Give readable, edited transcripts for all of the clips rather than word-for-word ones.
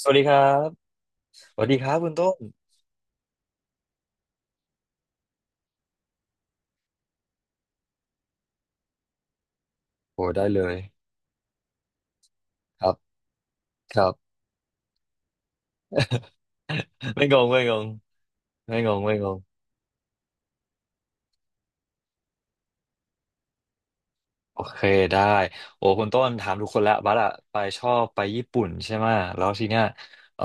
สวัสดีครับสวัสดีครับคุณต้นโอ้ได้เลยครับครับ ไม่งงไม่งงไม่งงไม่งงโอเคได้โอ้คุณต้นถามทุกคนแล้วบัสอะไปชอบไปญี่ปุ่นใช่ไหมะแล้วทีเนี้ยเอ่อ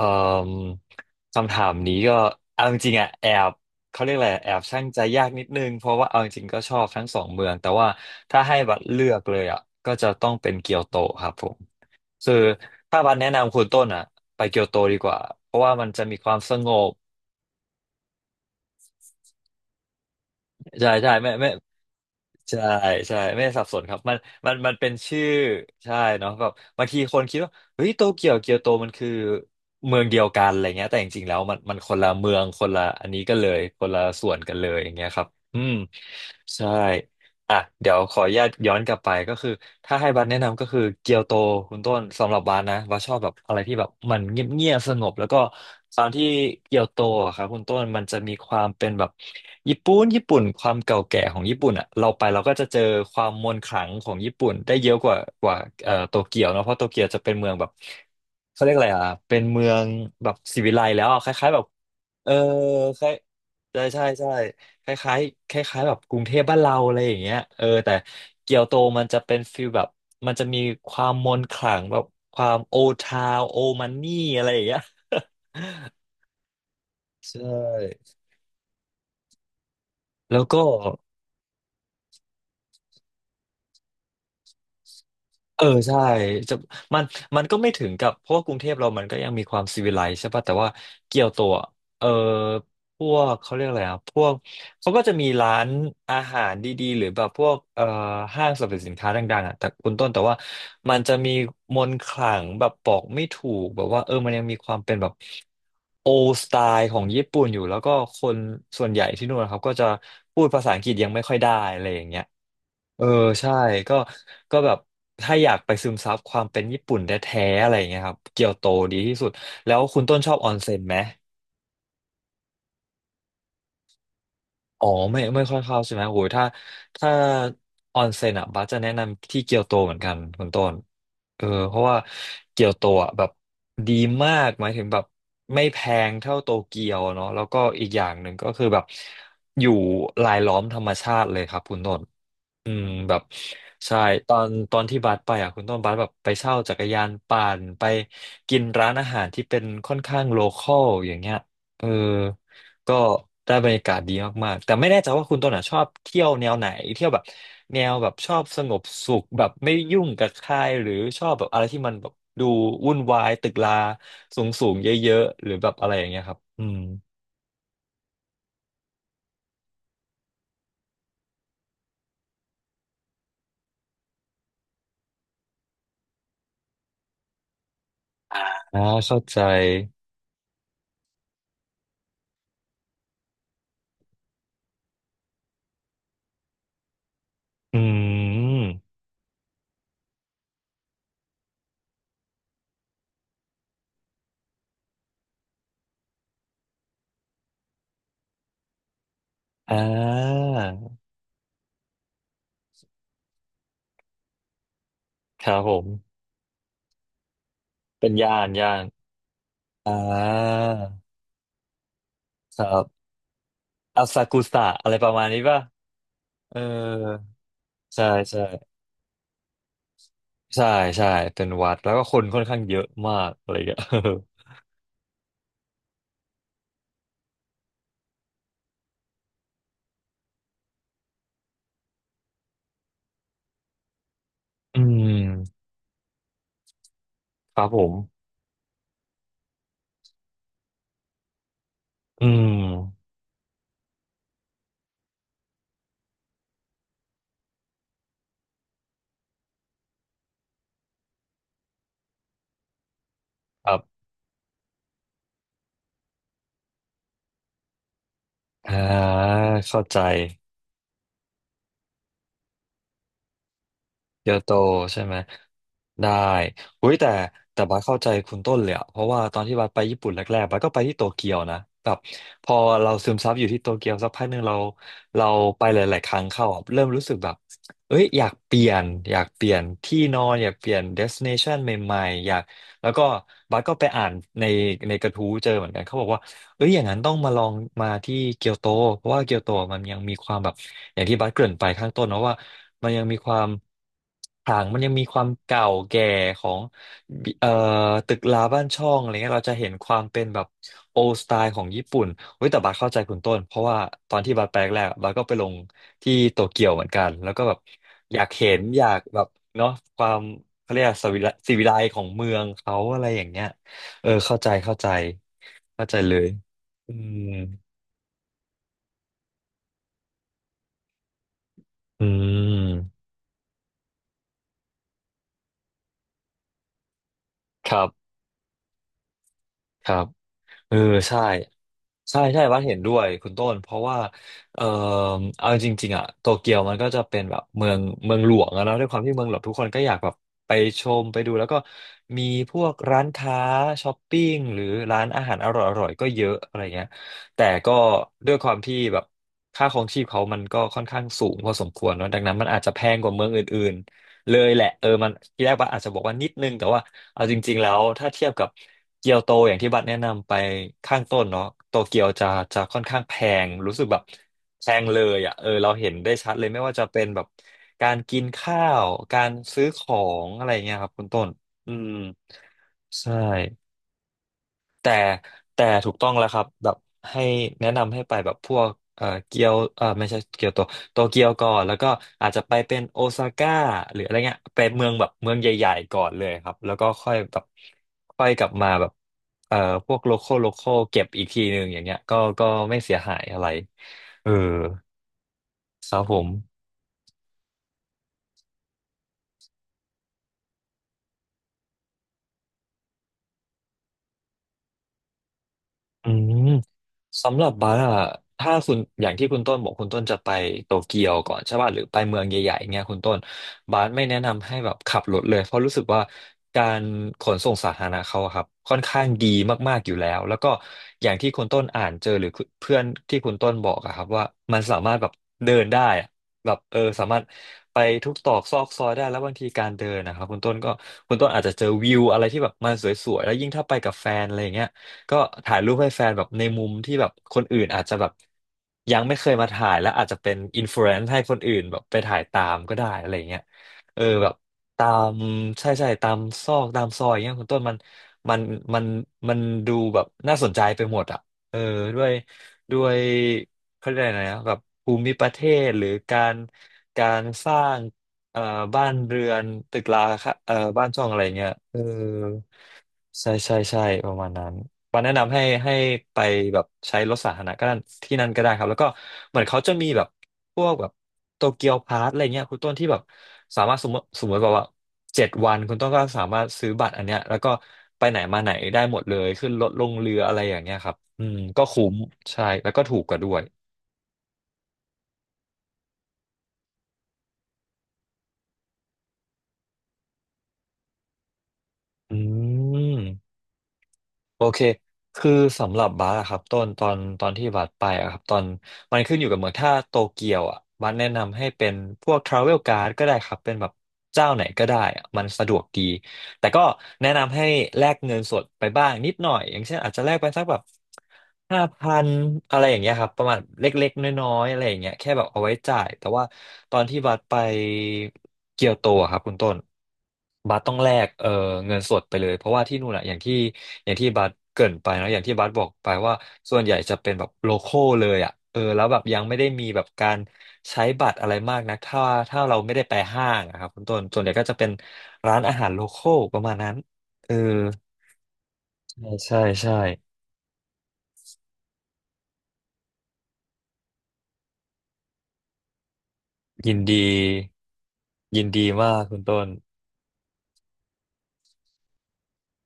คำถามนี้ก็เอาจริงๆอะแอบเขาเรียกอะไรแอบชั่งใจยากนิดนึงเพราะว่าเอาจริงๆก็ชอบทั้งสองเมืองแต่ว่าถ้าให้บัสเลือกเลยอะก็จะต้องเป็นเกียวโตครับผมคือถ้าบัสแนะนำคุณต้นอ่ะไปเกียวโตดีกว่าเพราะว่ามันจะมีความสงบ ใช่ใช่ไม่ไม่ใช่ใช่ไม่สับสนครับมันมันเป็นชื่อใช่เนาะแบบบางทีคนคิดว่าเฮ้ยโตเกียวเกียวโตมันคือเมืองเดียวกันอะไรเงี้ยแต่จริงๆแล้วมันคนละเมืองคนละอันนี้กันเลยคนละส่วนกันเลยอย่างเงี้ยครับอืมใช่ อ่ะเดี๋ยวขออนุญาตย้อนกลับไปก็คือถ้าให้บัสแนะนำก็คือเกียวโตคุณต้นสำหรับบัสนะบัสชอบแบบอะไรที่แบบมันเงียบๆสงบแล้วก็ตอนที่เกียวโตอะครับคุณต้นมันจะมีความเป็นแบบญี่ปุ่นญี่ปุ่นความเก่าแก่ของญี่ปุ่นอ่ะเราไปเราก็จะเจอความมนต์ขลังของญี่ปุ่นได้เยอะกว่าโตเกียวเนอะเพราะโตเกียวจะเป็นเมืองแบบเขาเรียกอะไรอ่ะเป็นเมืองแบบศิวิไลซ์แล้วอะคล้ายๆแบบเออคล้ายใช่ใช่ใช่ คล้ายๆคล้ายๆแบบกรุงเทพบ้านเราอะไรอย่างเงี้ยเออแต่เกียวโตมันจะเป็นฟิลแบบมันจะมีความมนต์ขลังแบบความโอทาวโอมันนี่อะไรอย่างเงี้ยใช่ แล้วก็ เออใช่จะมันมันก็ไม่ถึงกับเพราะว่ากรุงเทพเรามันก็ยังมีความซีวิไลซ์ใช่ป่ะแต่ว่าเกียวโตอะเออพวกเขาเรียกอะไรอ่ะพวกเขาก็จะมีร้านอาหารดีๆหรือแบบพวกห้างสรรพสินค้าดังๆอ่ะแต่คุณต้นแต่ว่ามันจะมีมนต์ขลังแบบบอกไม่ถูกแบบว่าเออมันยังมีความเป็นแบบโอสไตล์ของญี่ปุ่นอยู่แล้วก็คนส่วนใหญ่ที่นู่นนะครับก็จะพูดภาษาอังกฤษยังไม่ค่อยได้อะไรอย่างเงี้ย เออใช่ก็แบบถ้าอยากไปซึมซับความเป็นญี่ปุ่นแท้ๆอะไรอย่างเงี้ยครับเกียวโตดีที่สุดแล้วคุณต้นชอบออนเซ็นไหมอ๋อไม่ไม่ค่อยเข้าใช่ไหมโอ้ยถ้าออนเซ็นอ่ะบัสจะแนะนำที่เกียวโตเหมือนกันคุณต้นเออเพราะว่าเกียวโตอ่ะแบบดีมากหมายถึงแบบไม่แพงเท่าโตเกียวเนาะแล้วก็อีกอย่างหนึ่งก็คือแบบอยู่รายล้อมธรรมชาติเลยครับคุณต้น อืมแบบใช่ตอนที่บัสไปอ่ะคุณต้นบัสแบบไปเช่าจักรยานปั่นไปกินร้านอาหารที่เป็นค่อนข้างโลคอลอย่างเงี้ยเออก็ได้บรรยากาศดีมากๆแต่ไม่แน่ใจว่าคุณต้นอ่ะชอบเที่ยวแนวไหนเที่ยวแบบแนวแบบชอบสงบสุขแบบไม่ยุ่งกับใครหรือชอบแบบอะไรที่มันแบบดูวุ่นวายตึกราสูงสูงเยอะๆหรือแบบอะไรอย่างเงี้ยครับอืมอ่าเข้าใจอืมอ่าครับผม เป็นย่านย่านอ่าครับอาซากุสะอะไรประมาณนี้ป่ะเออใช่ใช่ใช่ใช่เป็นวัดแล้วก็คนค่อนข้างเยอะมากอะไรอย่างเงี้ย อืมครับผมอืมครับอ่าเข้าใจ เกียวโตใช่ไหมได้อุ้ยแต่แต่บัสเข้าใจคุณต้นเลยอะเพราะว่าตอนที่บัสไปญี่ปุ่นแรกๆบัสก็ไปที่โตเกียวนะแบบพอเราซึมซับอยู่ที่โตเกียวสักพักหนึ่งเราไปหลายๆครั้งเข้าอะเริ่มรู้สึกแบบเอ้ยอยากเปลี่ยนอยากเปลี่ยนที่นอนอยากเปลี่ยนเดส i เนชันใหม่ๆอยากแล้วก็บัสก็ไปอ่านในในกระทู้เจอเหมือนกันเขาบอกว่า เอ้ยอย่างนั้นต้องมาลองมาที่เกียวโตเพราะว่าเกียวโตมันยังมีความแบบอย่างที่บัสเกริ่นไปข้างต้นเนอะว่ามันยังมีความห่างมันยังมีความเก่าแก่ของเอ่อตึกราบ้านช่องอะไรเงี้ยเราจะเห็นความเป็นแบบโอสไตล์ของญี่ปุ่นเว้ยแต่บัสเข้าใจคุณต้นเพราะว่าตอนที่บัสไปแรกๆอะบัสก็ไปลงที่โตเกียวเหมือนกันแล้วก็แบบอยากเห็นอยากแบบเนาะความเขาเรียกสวิไลสิวิไลของเมืองเขาอะไรอย่างเงี้ยเออเข้าใจเข้าใจเข้าใจเลย อืมอืมครับครับเออใช่ใช่ใช่วัดเห็นด้วยคุณต้นเพราะว่าเออเอาจริงๆอ่ะโตเกียวมันก็จะเป็นแบบเมืองหลวงอะเนอะด้วยความที่เมืองหลวงทุกคนก็อยากแบบไปชมไปดูแล้วก็มีพวกร้านค้าช้อปปิ้งหรือร้านอาหารอร่อยๆก็เยอะอะไรเงี้ยแต่ก็ด้วยความที่แบบค่าครองชีพเขามันก็ค่อนข้างสูงพอสมควรเนอะดังนั้นมันอาจจะแพงกว่าเมืองอื่น เลยแหละเออมันทีแรกบัสอาจจะบอกว่านิดนึงแต่ว่าเอาจริงๆแล้วถ้าเทียบกับเกียวโตอย่างที่บัสแนะนำไปข้างต้นเนาะโตเกียวจะค่อนข้างแพงรู้สึกแบบแพงเลยอ่ะเออเราเห็นได้ชัดเลยไม่ว่าจะเป็นแบบการกินข้าวการซื้อของอะไรเงี้ยครับคุณต้นอืมใช่ แต่แต่ถูกต้องแล้วครับแบบให้แนะนำให้ไปแบบพวกเอ่อเกียวเอ่อไม่ใช่เกียวโตโตเกียวก่อนแล้วก็อาจจะไปเป็นโอซาก้าหรืออะไรเงี้ยไปเมืองแบบเมืองใหญ่ๆก่อนเลยครับแล้วก็ค่อยแบบค่อยกลับมาแบบเอ่อพวกโลคอลเก็บอีกทีหนึ่งอย่างเงี้ยก็ไม่เสียหายอะไรเออครับผม อืมสำหรับบาร์อะถ้าคุณอย่างที่คุณต้นบอกคุณต้นจะไปโตเกียวก่อนใช่ป่ะหรือไปเมืองใหญ่ๆเงี้ยคุณต้นบาร์ไม่แนะนำให้แบบขับรถเลยเพราะรู้สึกว่าการขนส่งสาธารณะเขาอะครับค่อนข้างดีมากๆอยู่แล้วแล้วก็อย่างที่คุณต้นอ่านเจอหรือเพื่อนที่คุณต้นบอกอะครับว่ามันสามารถแบบเดินได้อะแบบเออสามารถไปทุกตรอกซอกซอยได้แล้วบางทีการเดินนะครับคุณต้นก็คุณต้นอาจจะเจอวิวอะไรที่แบบมันสวยๆแล้วยิ่งถ้าไปกับแฟนอะไรอย่างเงี้ย ก็ถ่ายรูปให้แฟนแบบในมุมที่แบบคนอื่นอาจจะแบบยังไม่เคยมาถ่ายและอาจจะเป็นอินฟลูเอนซ์ให้คนอื่นแบบไปถ่ายตามก็ได้อะไรเงี้ยเออแบบตามใช่ใช่ตามซอกตามซอยเงี้ยคุณต้นมันมันมันดูแบบน่าสนใจไปหมดอ่ะเออด้วยด้วยเขาเรียกอะไรนะแบบภูมิประเทศหรือการสร้างเอ่อบ้านเรือนตึกราค่ะบ้านช่องอะไรเงี้ยเออใช่ใช่ใช่ประมาณนั้น ปาแนะนำให้ไปแบบใช้รถสาธารณะก็ได้ที่นั่นก็ได้ครับแล้วก็เหมือนเขาจะมีแบบพวกแบบโตเกียวพาสอะไรเงี้ยคุณต้นที่แบบสามารถสมมติแบบว่า7 วันคุณต้นก็สามารถซื้อบัตรอันเนี้ยแล้วก็ไปไหนมาไหนได้หมดเลยขึ้นรถลงเรืออะไรอย่างเงี้ยครับอืมก็คุ้มใช่แล้วก็ถูกกว่าด้วยอืม โอเค คือสำหรับบาสอะครับต้นตอนที่บาสไปอะครับ ตอนมันขึ้นอยู่กับเมืองถ้าโตเกียวอะบาสแนะนำให้เป็นพวกทราเวลการ์ดก็ได้ครับ เป็นแบบเจ้าไหนก็ได้อะมันสะดวกดี แต่ก็แนะนำให้แลกเงินสดไปบ้างนิดหน่อยอย่างเช่นอาจจะแลกไปสักแบบ5,000อะไรอย่างเงี้ยครับประมาณเล็กๆน้อยๆอะไรอย่างเงี้ยแค่แบบเอาไว้จ่ายแต่ว่าตอนที่บัสไปเกียวโตอะครับคุณต้นบัสต้องแลกเงินสดไปเลยเพราะว่าที่นู่นอะอย่างที่บัสเกริ่นไปเนอะอย่างที่บัสบอกไปว่าส่วนใหญ่จะเป็นแบบโลคอลเลยอะ เออแล้วแบบยังไม่ได้มีแบบการใช้บัตรอะไรมากนักถ้าเราไม่ได้ไปห้างอะครับคุณต้นส่วนใหญ่ก็จะเป็นร้านอาหารโลคอลประมาณนั้นเออใช่ใช่ใช่ยินดียินดีมากคุณต้น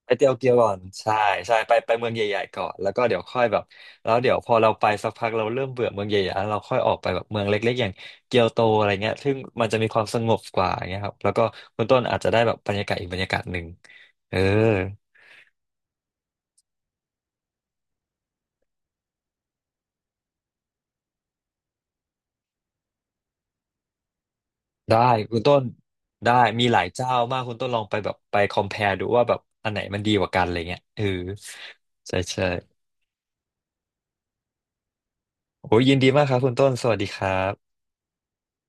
ไปเที่ยวเกียวก่อนใช่ใช่ไปเมืองใหญ่ๆก่อนแล้วก็เดี๋ยวค่อยแบบแล้วเดี๋ยวพอเราไปสักพักเราเริ่มเบื่อเมืองใหญ่ๆแล้วเราค่อยออกไปแบบเมืองเล็กๆอย่างเกียวโตอะไรเงี้ยซึ่งมันจะมีความสงบกว่าอย่างเงี้ยครับแล้วก็คุณต้นอาจจะได้แบบบรรยากาศอีกบรรยากาศหนึ่งเออ ได้คุณต้นได้มีหลายเจ้ามากคุณต้นลองไปแบบไป compare ดูว่าแบบอันไหนมันดีกว่ากันอะไรเงี้ยเออใช่ใช่โอ้ยยินดีมากครับคุณต้นสวัสดีครับ